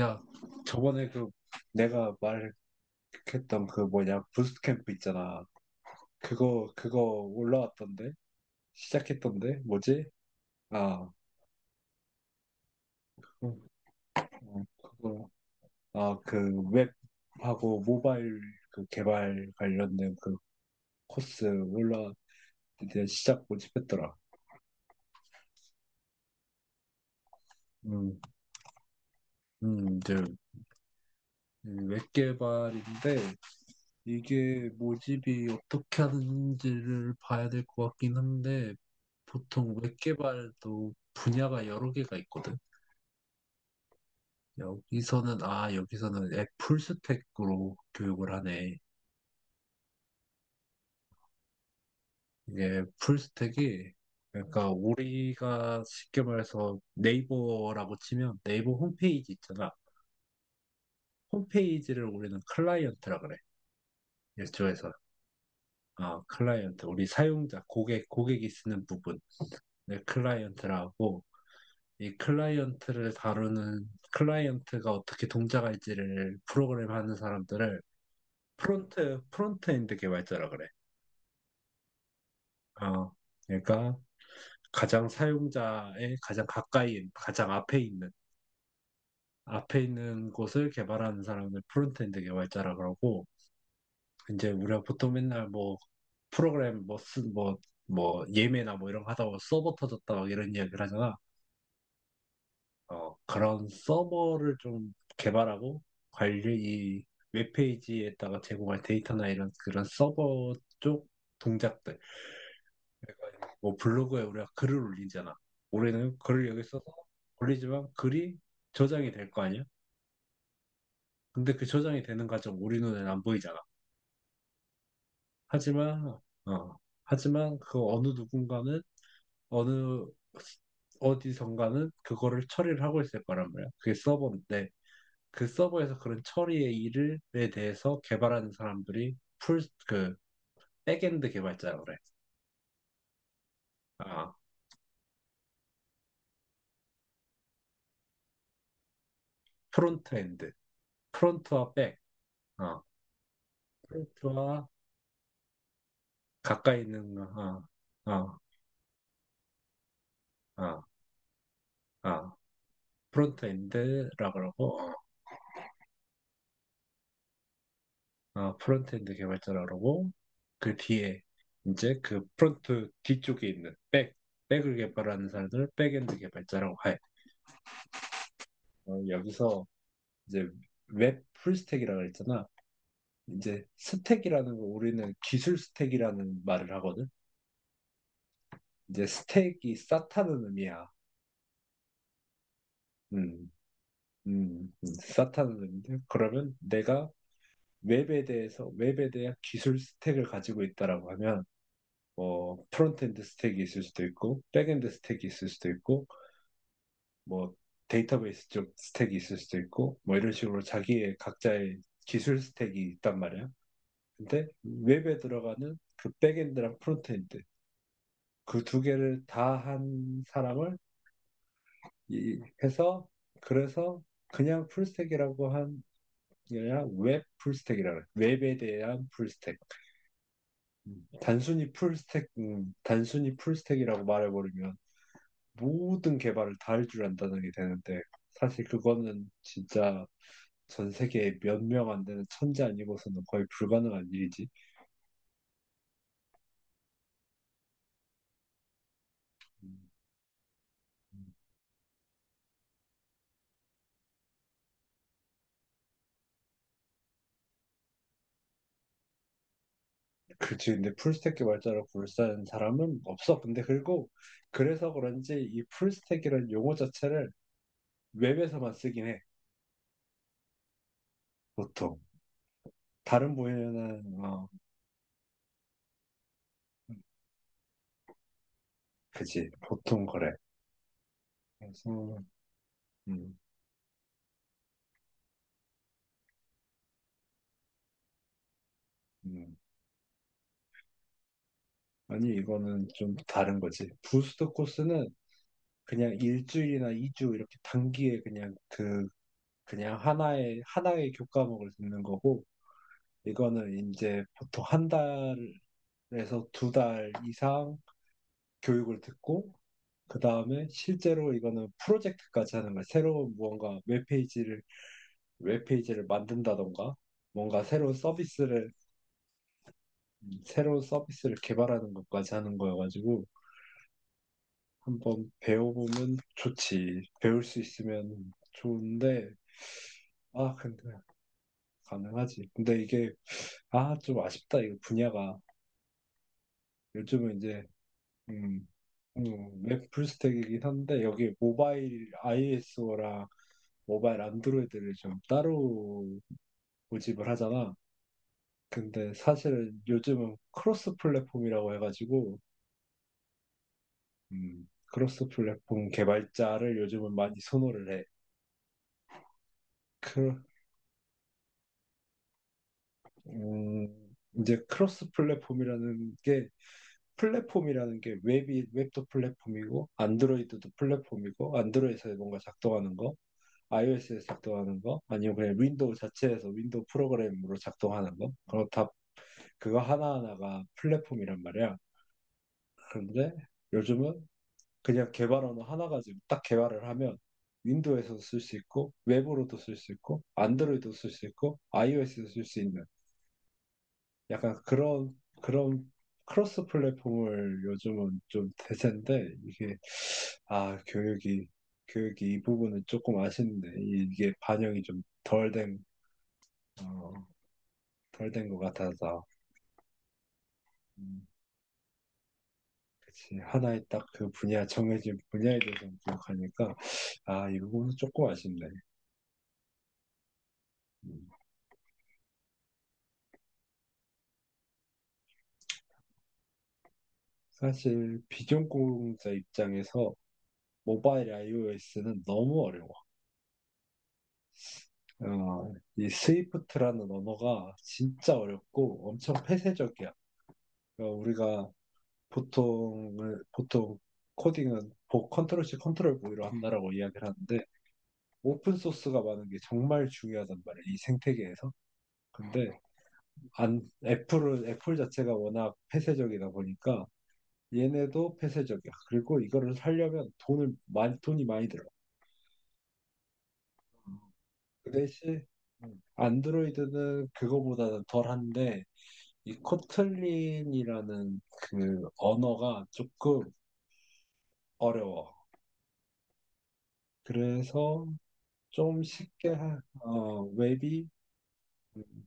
야, 저번에 그 내가 말했던 그 뭐냐 부스캠프 트 있잖아. 그거 올라왔던데 시작했던데 뭐지? 아, 그- 그거 아 그 웹하고 모바일 그 개발 관련된 그 코스 올라 이제 시작 모집했더라. 음, 이제 웹 개발인데 이게 모집이 어떻게 하는지를 봐야 될 것 같긴 한데, 보통 웹 개발도 분야가 여러 개가 있거든. 여기서는, 아, 여기서는 앱 풀스택으로 교육을 하네. 이게 풀스택이, 그러니까 우리가 쉽게 말해서 네이버라고 치면 네이버 홈페이지 있잖아. 홈페이지를 우리는 클라이언트라 그래. 일조에서. 아, 클라이언트. 우리 사용자, 고객, 고객이 쓰는 부분. 네, 클라이언트라고. 이 클라이언트를 다루는 클라이언트가 어떻게 동작할지를 프로그램하는 사람들을 프론트엔드 개발자라 그래. 어, 그러니까 가장 사용자의 가장 가까이 가장 앞에 있는 앞에 있는 곳을 개발하는 사람을 프론트엔드 개발자라 그러고, 이제 우리가 보통 맨날 뭐 프로그램 뭐쓴뭐뭐 예매나 뭐 이런 거 하다 보면 서버 터졌다 막 이런 이야기를 하잖아. 어, 그런 서버를 좀 개발하고 관리 이 웹페이지에다가 제공할 데이터나 이런 그런 서버 쪽 동작들. 그러니까 뭐 블로그에 우리가 글을 올리잖아. 올해는 글을 여기 써서 올리지만 글이 저장이 될 거 아니야. 근데 그 저장이 되는 과정 우리 눈에는 안 보이잖아. 하지만 어 하지만 그 어느 누군가는 어느 어디선가는 그거를 처리를 하고 있을 거란 말이야. 그게 서버인데 그 서버에서 그런 처리의 일을 에 대해서 개발하는 사람들이 풀, 그, 백엔드 개발자라고 그래. 아, 프론트엔드. 프론트와 백. 어, 프론트와 가까이 있는 거. 어, 어, 어, 어. 프론트엔드라고 그러고, 어, 어, 프론트엔드 개발자라고 그러고, 그 뒤에 이제 그 프론트 뒤쪽에 있는 백, 백을 개발하는 사람들을 백엔드 개발자라고 해. 어, 여기서 이제 웹 풀스택이라고 했잖아. 이제 스택이라는 거 우리는 기술 스택이라는 말을 하거든. 이제 스택이 쌓다는 의미야. 음, 쌓다는 의미인데 그러면 내가 웹에 대한 기술 스택을 가지고 있다라고 하면 뭐 프론트엔드 스택이 있을 수도 있고 백엔드 스택이 있을 수도 있고 뭐 데이터베이스 쪽 스택이 있을 수도 있고 뭐 이런 식으로 자기의 각자의 기술 스택이 있단 말이야. 근데 웹에 들어가는 그 백엔드랑 프론트엔드 그 두 개를 다 한 사람을 이- 해서 그래서 그냥 풀스택이라고 한 게 아니라 웹 풀스택이라고 해요. 웹에 대한 풀스택. 단순히 풀스택이라고 말해버리면 모든 개발을 다 할 줄 안다는 게 되는데 사실 그거는 진짜 전 세계에 몇 명 안 되는 천재 아니고서는 거의 불가능한 일이지. 그치, 근데 풀스택 개발자로 불리는 사람은 없어. 근데 그리고 그래서 그런지 이 풀스택이라는 용어 자체를 웹에서만 쓰긴 해, 보통. 다른 분야는, 어, 그치, 보통 그래. 그래서, 음, 음. 아니, 이거는 좀 다른 거지. 부스트 코스는 그냥 일주일이나 이주 이렇게 단기에 그냥 그, 그냥 하나의 교과목을 듣는 거고, 이거는 이제 보통 한 달에서 두 달 이상 교육을 듣고, 그 다음에 실제로 이거는 프로젝트까지 하는 거야. 새로운 무언가 웹페이지를, 웹페이지를 만든다던가, 뭔가 새로운 서비스를, 새로운 서비스를 개발하는 것까지 하는 거여가지고, 한번 배워보면 좋지. 배울 수 있으면 좋은데, 아, 근데 가능하지. 근데 이게, 아, 좀 아쉽다. 이거 분야가. 요즘은 이제, 음, 웹 풀스택이긴 한데, 여기 모바일 iOS랑 모바일 안드로이드를 좀 따로 모집을 하잖아. 근데 사실은 요즘은 크로스 플랫폼이라고 해가지고 크로스 플랫폼 개발자를 요즘은 많이 선호를 해. 크, 음, 이제 크로스 플랫폼이라는 게 플랫폼이라는 게 웹이 웹도 플랫폼이고 안드로이드도 플랫폼이고 안드로이드에서 뭔가 작동하는 거, iOS에서 작동하는 거, 아니면 그냥 윈도우 자체에서 윈도우 프로그램으로 작동하는 거, 그거 다 그거 하나하나가 플랫폼이란 말이야. 그런데 요즘은 그냥 개발 언어 하나 가지고 딱 개발을 하면 윈도우에서도 쓸 수 있고 웹으로도 쓸 수 있고 안드로이드도 쓸 수 있고 iOS도 쓸 수 있는 약간 그런 크로스 플랫폼을 요즘은 좀 대세인데 이게 아 교육이 교육이 이 부분은 조금 아쉽네. 이게 반영이 좀 덜 된 어, 덜 된 것 같아서. 음, 그치 하나의 딱 그 분야 정해진 분야에 대해서 기억하니까 아 이 부분은 조금 아쉽네. 음. 사실 비전공자 입장에서 모바일 iOS는 너무 어려워. 어, 이 스위프트라는 언어가 진짜 어렵고 엄청 폐쇄적이야. 어, 우리가 보통 보통 코딩은 보 컨트롤 C 컨트롤 V로 한다라고 이야기를 하는데 오픈 소스가 많은 게 정말 중요하단 말이야. 이 생태계에서. 근데 안 애플은 애플 자체가 워낙 폐쇄적이다 보니까 얘네도 폐쇄적이야. 그리고 이거를 살려면 돈을 많이 돈이 많이 들어. 그 대신 안드로이드는 그거보다는 덜한데 이 코틀린이라는 그 언어가 조금 어려워. 그래서 웹이 음,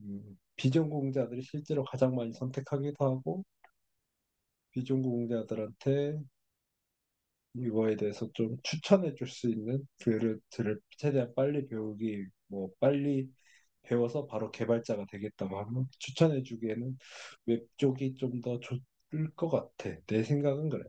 비전공자들이 실제로 가장 많이 선택하기도 하고 비전공자들한테 이거에 대해서 좀 추천해 줄 수 있는 글을 들을 최대한 빨리 배우기 뭐 빨리 배워서 바로 개발자가 되겠다고 하면 추천해 주기에는 웹 쪽이 좀 더 좋을 것 같아. 내 생각은 그래.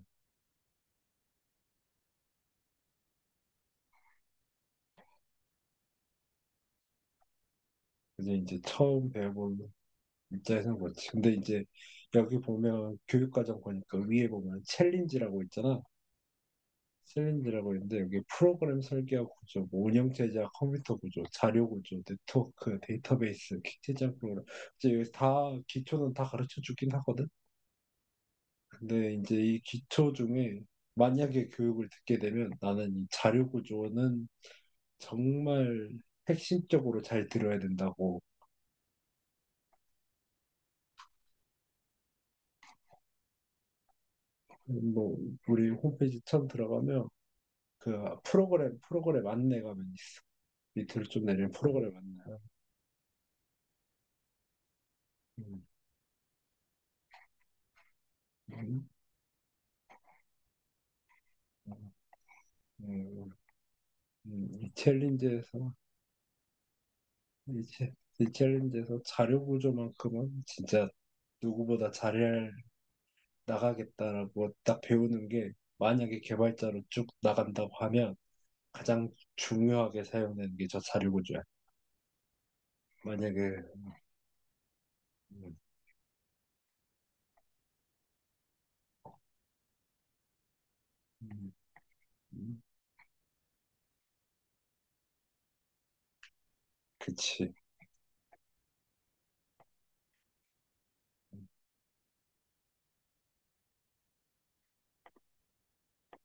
그래서 이제 처음 배워보는 입장에서는 그렇지. 근데 이제 여기 보면 교육과정 보니까 위에 보면 챌린지라고 있잖아. 셀린드라고 했는데 여기 프로그램 설계와 구조, 뭐 운영 체제와 컴퓨터 구조, 자료 구조, 네트워크, 데이터베이스, 기체적 프로그램 이제 여기 다 기초는 다 가르쳐 주긴 하거든. 근데 이제 이 기초 중에 만약에 교육을 듣게 되면 나는 이 자료 구조는 정말 핵심적으로 잘 들어야 된다고. 뭐 우리 홈페이지 처음 들어가면 그 프로그램 안내가 있어. 밑으로 좀 내리면 프로그램 안내. 음. 음. 음, 이 챌린지에서 이 챌린지에서 자료 구조만큼은 진짜 누구보다 잘 나가겠다라고 딱 배우는 게, 만약에 개발자로 쭉 나간다고 하면 가장 중요하게 사용되는 게 저 자료 구조야. 만약에 음, 음, 음, 그치